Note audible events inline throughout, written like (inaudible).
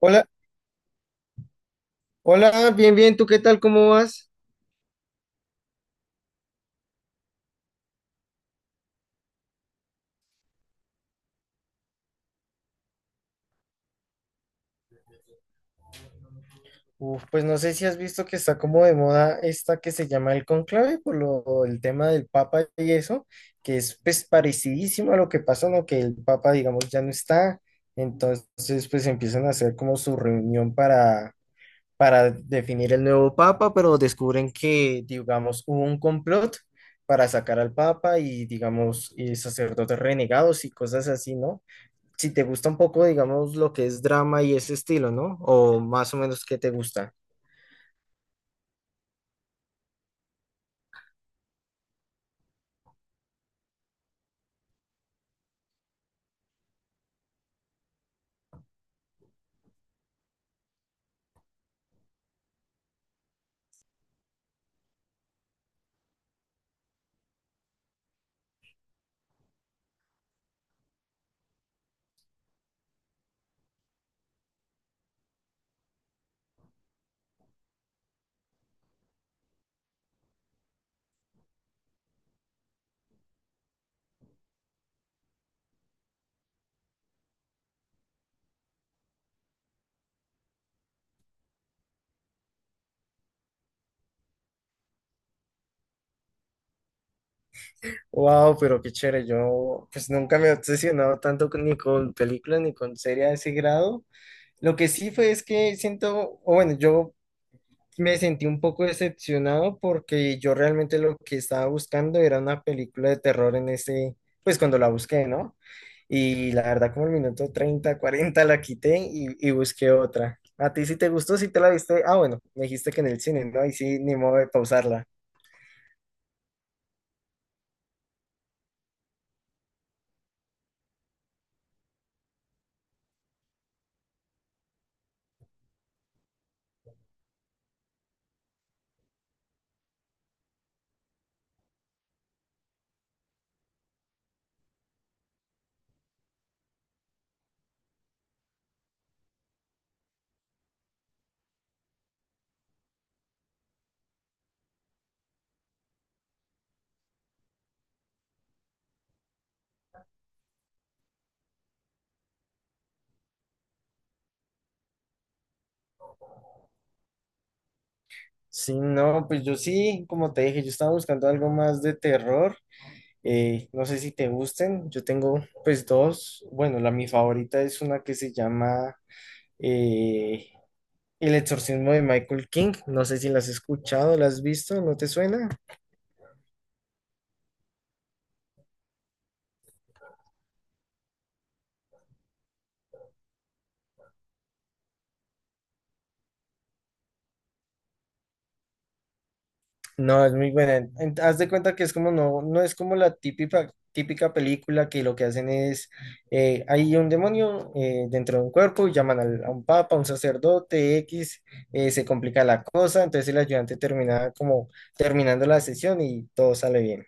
Hola, hola, bien, bien, ¿tú qué tal? ¿Cómo vas? Uf, pues no sé si has visto que está como de moda esta que se llama el Conclave el tema del Papa y eso, que es pues parecidísimo a lo que pasó, ¿no? Que el Papa, digamos, ya no está, entonces pues empiezan a hacer como su reunión para definir el nuevo Papa, pero descubren que, digamos, hubo un complot para sacar al Papa y, digamos, y sacerdotes renegados y cosas así, ¿no? Si te gusta un poco, digamos, lo que es drama y ese estilo, ¿no? O más o menos qué te gusta. Wow, pero qué chévere. Yo pues nunca me he obsesionado tanto ni con películas ni con series a ese grado. Lo que sí fue es que siento, o bueno, yo me sentí un poco decepcionado porque yo realmente lo que estaba buscando era una película de terror en ese, pues cuando la busqué, ¿no? Y la verdad como el minuto 30 40 la quité y busqué otra. ¿A ti sí te gustó? ¿Sí te la viste? Ah, bueno, me dijiste que en el cine, ¿no? Y sí, ni modo de pausarla. Sí, no, pues yo sí, como te dije, yo estaba buscando algo más de terror. No sé si te gusten, yo tengo pues dos. Bueno, la mi favorita es una que se llama eh, El exorcismo de Michael King, no sé si la has escuchado, la has visto, ¿no te suena? No, es muy buena. Haz de cuenta que es como no, no es como la típica, típica película que lo que hacen es, hay un demonio dentro de un cuerpo y llaman a un papa, a un sacerdote, X, se complica la cosa, entonces el ayudante termina como terminando la sesión y todo sale bien.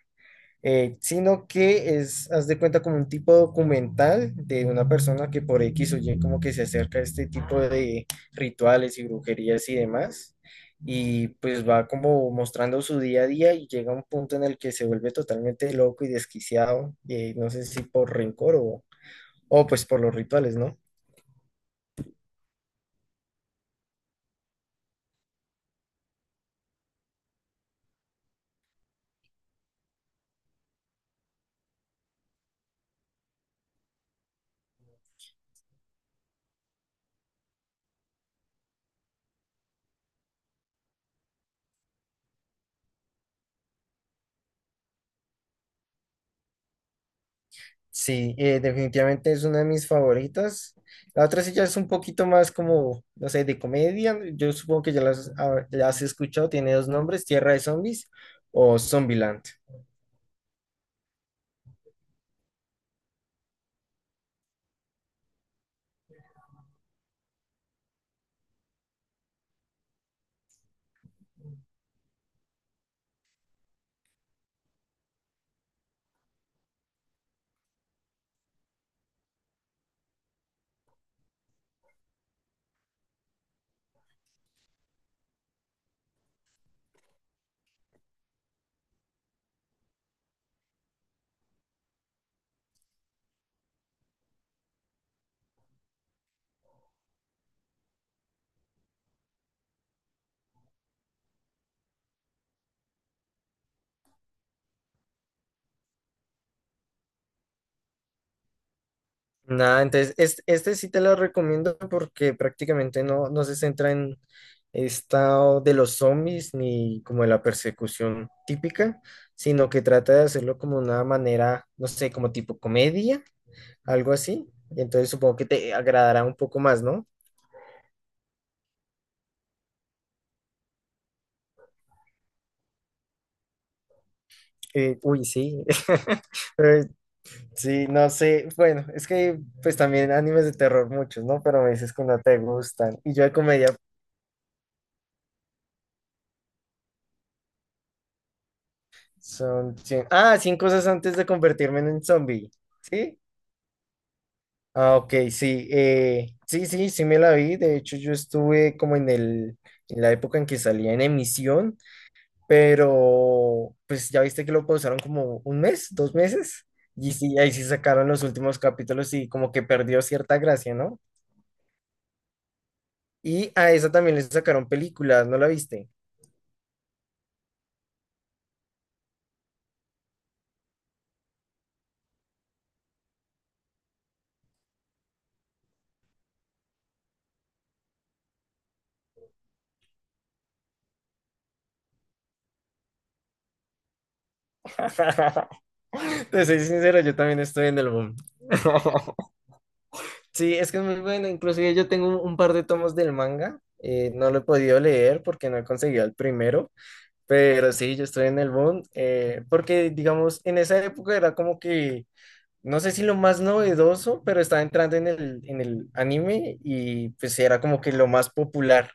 Sino que es, haz de cuenta, como un tipo documental de una persona que por X o Y como que se acerca a este tipo de rituales y brujerías y demás, y pues va como mostrando su día a día y llega a un punto en el que se vuelve totalmente loco y desquiciado, no sé si por rencor o pues por los rituales, ¿no? Sí, definitivamente es una de mis favoritas. La otra sí ya es un poquito más como, no sé, de comedia. Yo supongo que ya las, ah, ya has escuchado. Tiene dos nombres, Tierra de Zombies o Zombieland. Nada, entonces es este sí te lo recomiendo porque prácticamente no, no se centra en estado de los zombies ni como de la persecución típica, sino que trata de hacerlo como una manera, no sé, como tipo comedia, algo así. Entonces supongo que te agradará un poco más, ¿no? Uy, sí. (laughs) Eh, sí, no sé. Bueno, es que pues también animes de terror muchos, ¿no? Pero me dices que no te gustan. Y yo de comedia son 100. Ah, 100 cosas antes de convertirme en un zombie. ¿Sí? Ah, ok, sí. Sí, sí, sí me la vi. De hecho, yo estuve como en el, en la época en que salía en emisión, pero pues ya viste que lo pausaron como un mes, 2 meses. Y sí, ahí sí sacaron los últimos capítulos y como que perdió cierta gracia, ¿no? Y a esa también le sacaron películas, ¿no la viste? (laughs) Te soy sincero, yo también estoy en el boom. (laughs) Sí, es que es muy bueno. Inclusive yo tengo un par de tomos del manga. No lo he podido leer porque no he conseguido el primero. Pero sí, yo estoy en el boom. Porque, digamos, en esa época era como que, no sé si lo más novedoso, pero estaba entrando en el anime y pues era como que lo más popular.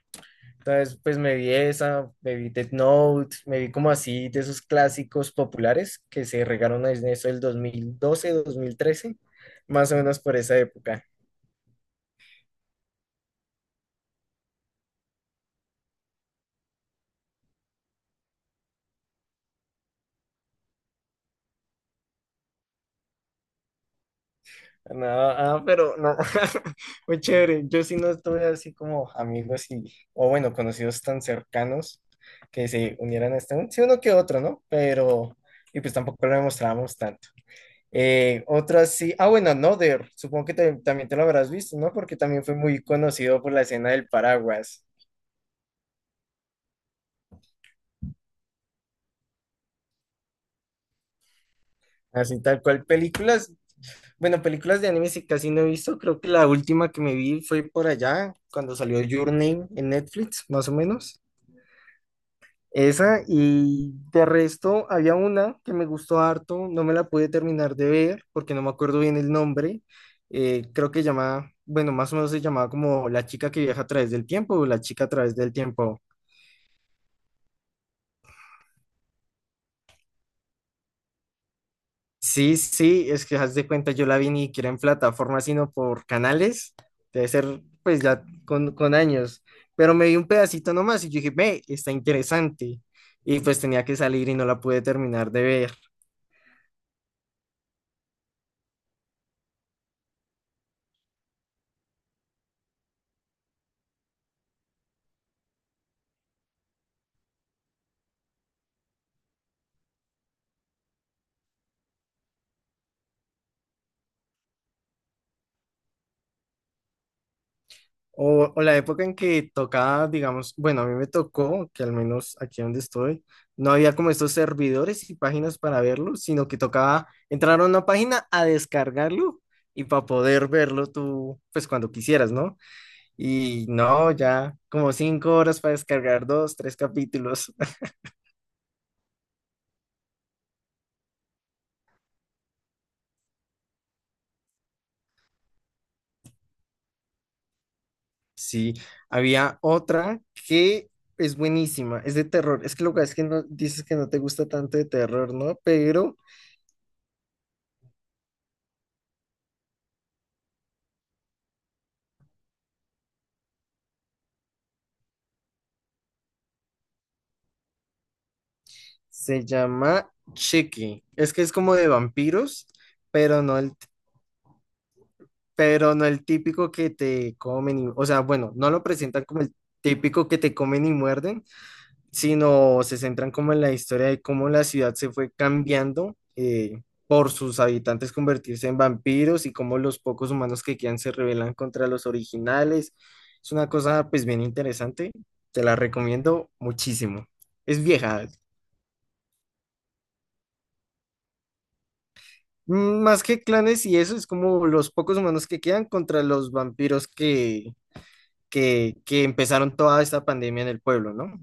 Entonces, pues me vi esa, me vi Death Note, me vi como así de esos clásicos populares que se regaron en eso del 2012, 2013, más o menos por esa época. No, ah, pero no, (laughs) muy chévere. Yo sí no estuve así como amigos y, o bueno, conocidos tan cercanos que se unieran a este, sí uno que otro, ¿no? Pero, y pues tampoco lo demostrábamos. Otras sí, ah bueno, Another, supongo que también te lo habrás visto, ¿no? Porque también fue muy conocido por la escena del paraguas, así tal cual. Películas, bueno, películas de anime sí casi no he visto, creo que la última que me vi fue por allá, cuando salió Your Name en Netflix, más o menos. Esa, y de resto había una que me gustó harto, no me la pude terminar de ver porque no me acuerdo bien el nombre, creo que llamaba, bueno, más o menos se llamaba como La chica que viaja a través del tiempo o La chica a través del tiempo. Sí, sí, es que haz de cuenta, yo la vi ni siquiera en plataforma, sino por canales, debe ser pues ya con años, pero me vi un pedacito nomás y yo dije, ve, está interesante, y pues tenía que salir y no la pude terminar de ver. O la época en que tocaba, digamos, bueno, a mí me tocó, que al menos aquí donde estoy, no había como estos servidores y páginas para verlo, sino que tocaba entrar a una página a descargarlo y para poder verlo tú, pues cuando quisieras, ¿no? Y no, ya como 5 horas para descargar dos, tres capítulos. (laughs) Sí, había otra que es buenísima, es de terror. Es que lo que es que no, dices que no te gusta tanto de terror, ¿no? Pero se llama Chucky. Es que es como de vampiros, pero no el, pero no el típico que te comen y, o sea, bueno, no lo presentan como el típico que te comen y muerden, sino se centran como en la historia de cómo la ciudad se fue cambiando por sus habitantes convertirse en vampiros y cómo los pocos humanos que quedan se rebelan contra los originales. Es una cosa pues bien interesante, te la recomiendo muchísimo. Es vieja, más que clanes y eso, es como los pocos humanos que quedan contra los vampiros que, empezaron toda esta pandemia en el pueblo, ¿no?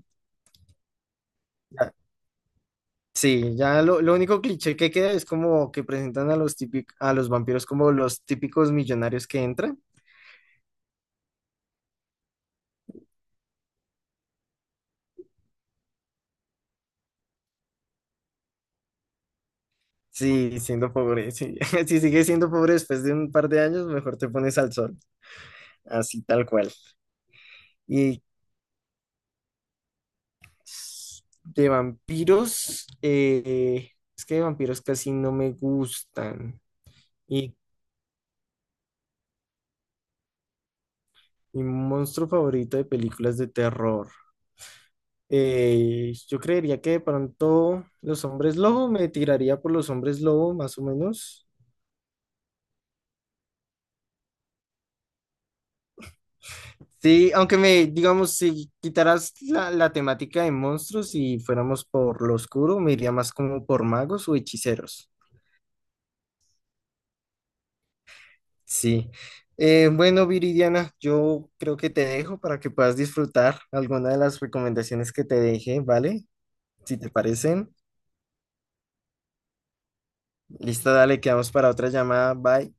Sí, ya lo único cliché que queda es como que presentan a los a los vampiros como los típicos millonarios que entran. Sí, siendo pobre, sí. (laughs) Si sigues siendo pobre después de un par de años, mejor te pones al sol, así tal cual. Y de vampiros, es que de vampiros casi no me gustan. Y mi monstruo favorito de películas de terror. Yo creería que de pronto los hombres lobo, me tiraría por los hombres lobo, más o menos. Sí, aunque me, digamos, si quitaras la temática de monstruos y fuéramos por lo oscuro, me iría más como por magos o hechiceros. Sí. Bueno, Viridiana, yo creo que te dejo para que puedas disfrutar alguna de las recomendaciones que te dejé, ¿vale? Si te parecen. Listo, dale, quedamos para otra llamada. Bye.